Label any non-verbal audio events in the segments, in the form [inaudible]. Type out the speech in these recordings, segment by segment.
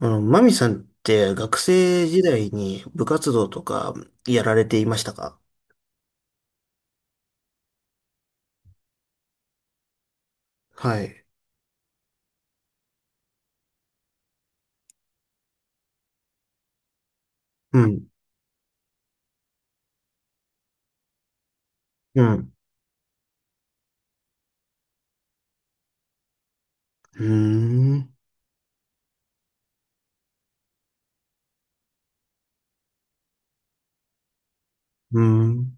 マミさんって学生時代に部活動とかやられていましたか？はい。うん。うん。うーん。うーん。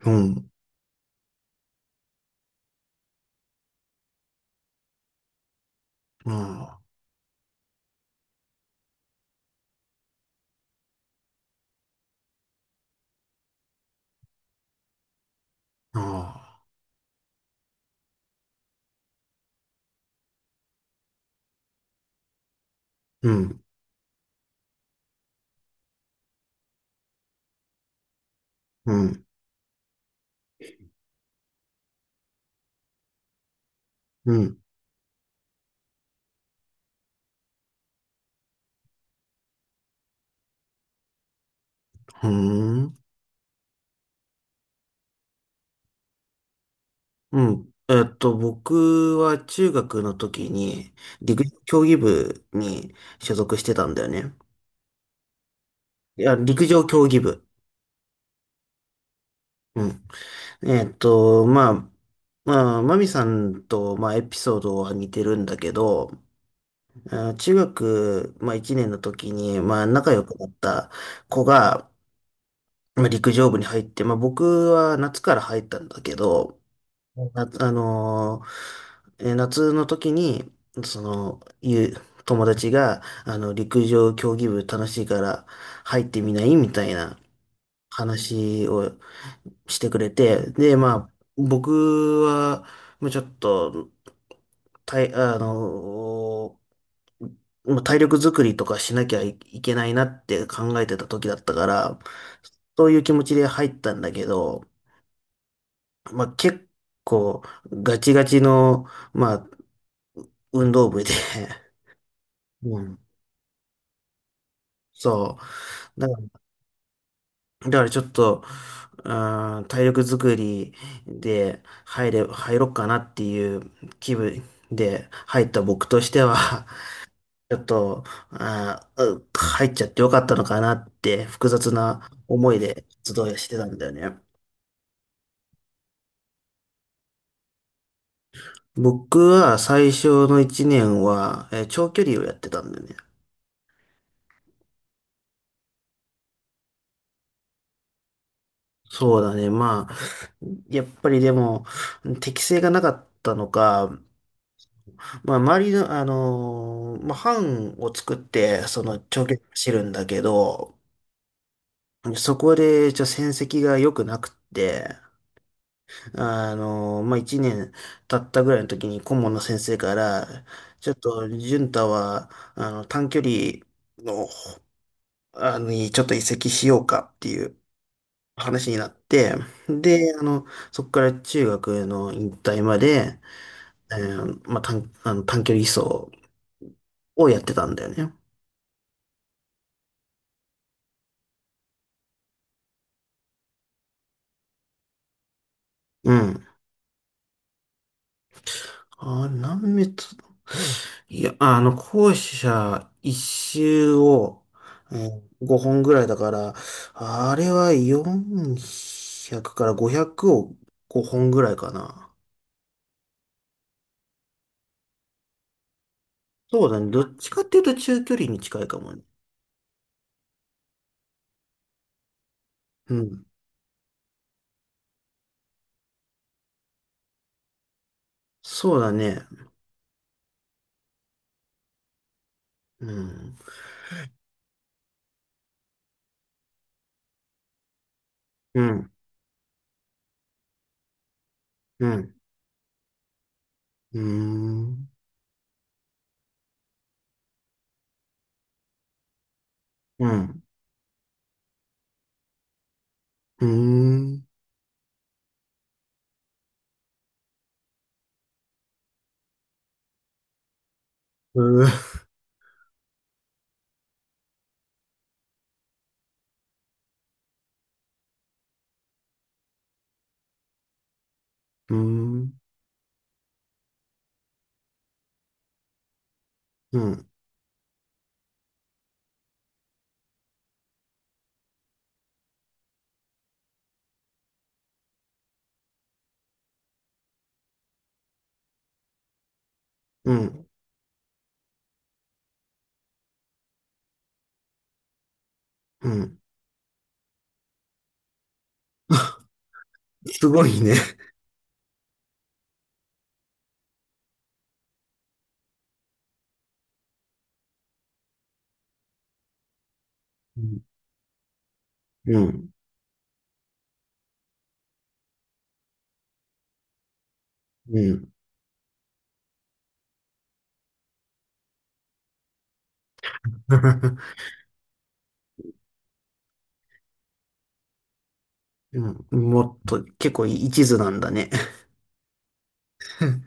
うん。うん。あーうん。うん。うん。うん。うん。僕は中学の時に陸上競技部に所属してたんだよね。いや、陸上競技部。うん。えっと、まあ、まあ、マミさんと、まあ、エピソードは似てるんだけど、中学、まあ、1年の時に、まあ、仲良くなった子が、まあ、陸上部に入って、まあ、僕は夏から入ったんだけど、な、あのーえー夏の時に、その、いう友達が、陸上競技部楽しいから入ってみないみたいな話をしてくれて、で、まあ、僕は、まあ、ちょっと、たい、あのもう体力作りとかしなきゃいいけないなって考えてた時だったから、そういう気持ちで入ったんだけど、まあ結構ガチガチの、まあ、運動部で [laughs] うん、[laughs] そう。だからちょっと、うーん、体力作りで入ろっかなっていう気分で入った僕としては、ちょっと、入っちゃってよかったのかなって複雑な思いで活動してたんだよね。僕は最初の1年は、長距離をやってたんだよね。そうだね。まあ、やっぱりでも、適性がなかったのか、まあ、周りの、まあ、班を作って、その長距離走るんだけど、そこで、戦績が良くなくって、まあ、一年経ったぐらいの時に顧問の先生から、ちょっと、潤太は、短距離の、あの、にちょっと移籍しようかっていう話になって、で、そこから中学の引退まで、まあ、短、あの、短距離走をやってたんだよね。うん。あれ、何メートル？いや、校舎一周を、うん、5本ぐらいだから、あれは400から500を5本ぐらいかな。そうだね。どっちかっていうと中距離に近いかもね。うん。そうだね。うん。うん。うん。うーん。うん。うーん。うーん。うん。うん。うん。すごいね。うん。うん。うん。うん、もっと、結構一途なんだね。[laughs] うん、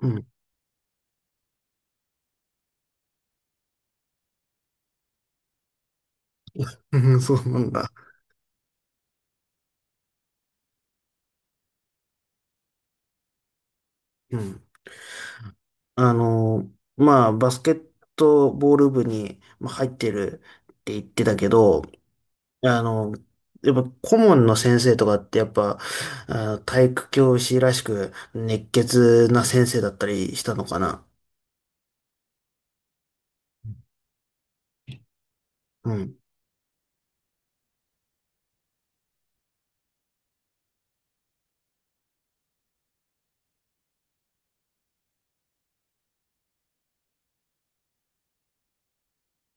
うん、うん、そうなんだ。うん。あの、まあ、バスケットボール部にまあ入ってるって言ってたけど、あの、やっぱ顧問の先生とかってやっぱ、あ、体育教師らしく熱血な先生だったりしたのかな？うん、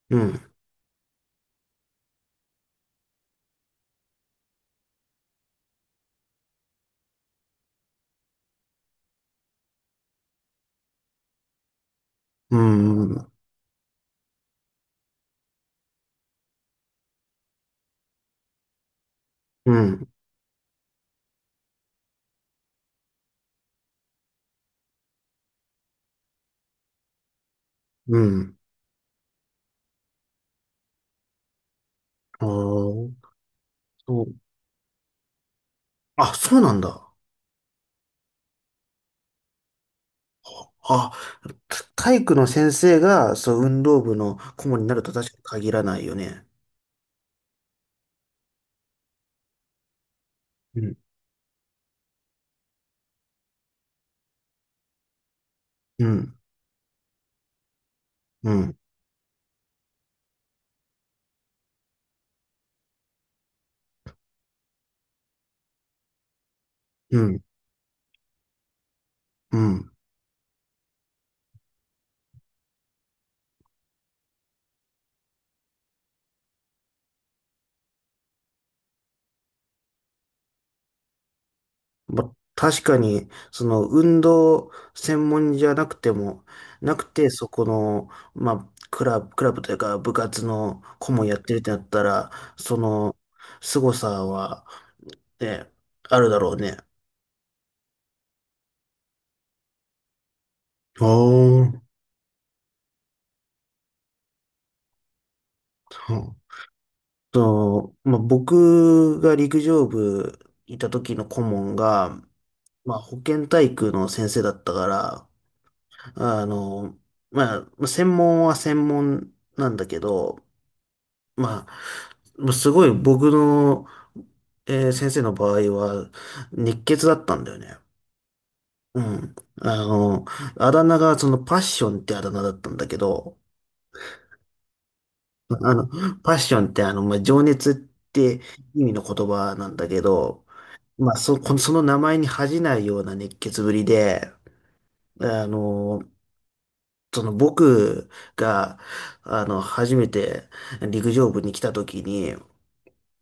うん、うん、うん、うん。ああ、そう。あ、そうなんだ。あ、体育の先生が、そう、運動部の顧問になると確かに限らないよね。うん、うん、うん、うん、うん。ま、確かに、その、運動専門じゃなくても、なくて、そこの、まあ、クラブというか、部活の顧問やってるってなったら、その、凄さは、ね、あるだろうね。おー。うんまあ、僕が陸上部いた時の顧問が、まあ、保健体育の先生だったから、あの、まあ専門は専門なんだけど、まあ、まあすごい僕の、先生の場合は、熱血だったんだよね。うん。あの、あだ名がそのパッションってあだ名だったんだけど、あの、パッションってまあ、情熱って意味の言葉なんだけど、まあ、その名前に恥じないような熱血ぶりで、あの、その僕が、初めて陸上部に来た時に、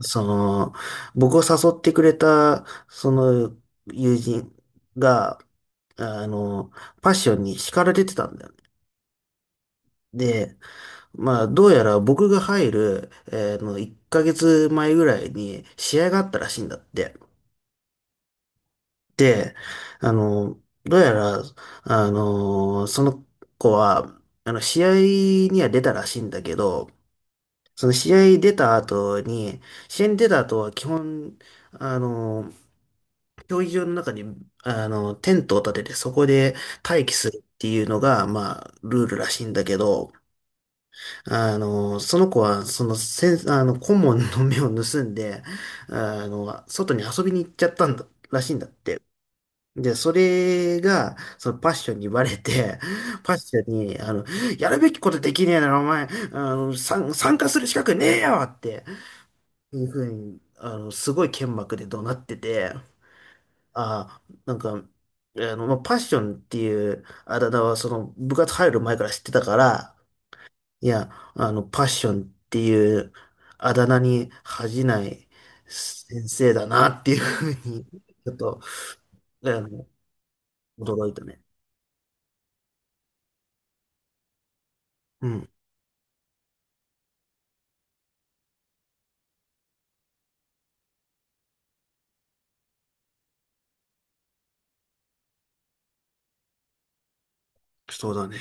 その、僕を誘ってくれた、その、友人が、あの、パッションに叱られてたんだよね。で、まあ、どうやら僕が入る、えーの、1ヶ月前ぐらいに試合があったらしいんだって。で、あの、どうやら、その子は、試合には出たらしいんだけど、その試合に出た後に、試合に出た後は基本、あの、競技場の中に、テントを立ててそこで待機するっていうのが、まあ、ルールらしいんだけど、その子は、その、せん、あの、顧問の目を盗んで、外に遊びに行っちゃったんだ、らしいんだって。で、それが、そのパッションにバレて、パッションに、やるべきことできねえなら、お前、参加する資格ねえよっていうふうに、すごい剣幕で怒鳴ってて、ああ、なんか、まあ、パッションっていうあだ名は、その、部活入る前から知ってたから、いや、パッションっていうあだ名に恥じない先生だなっていうふうに、ちょっと、あの、驚いたね。うん、そうだね。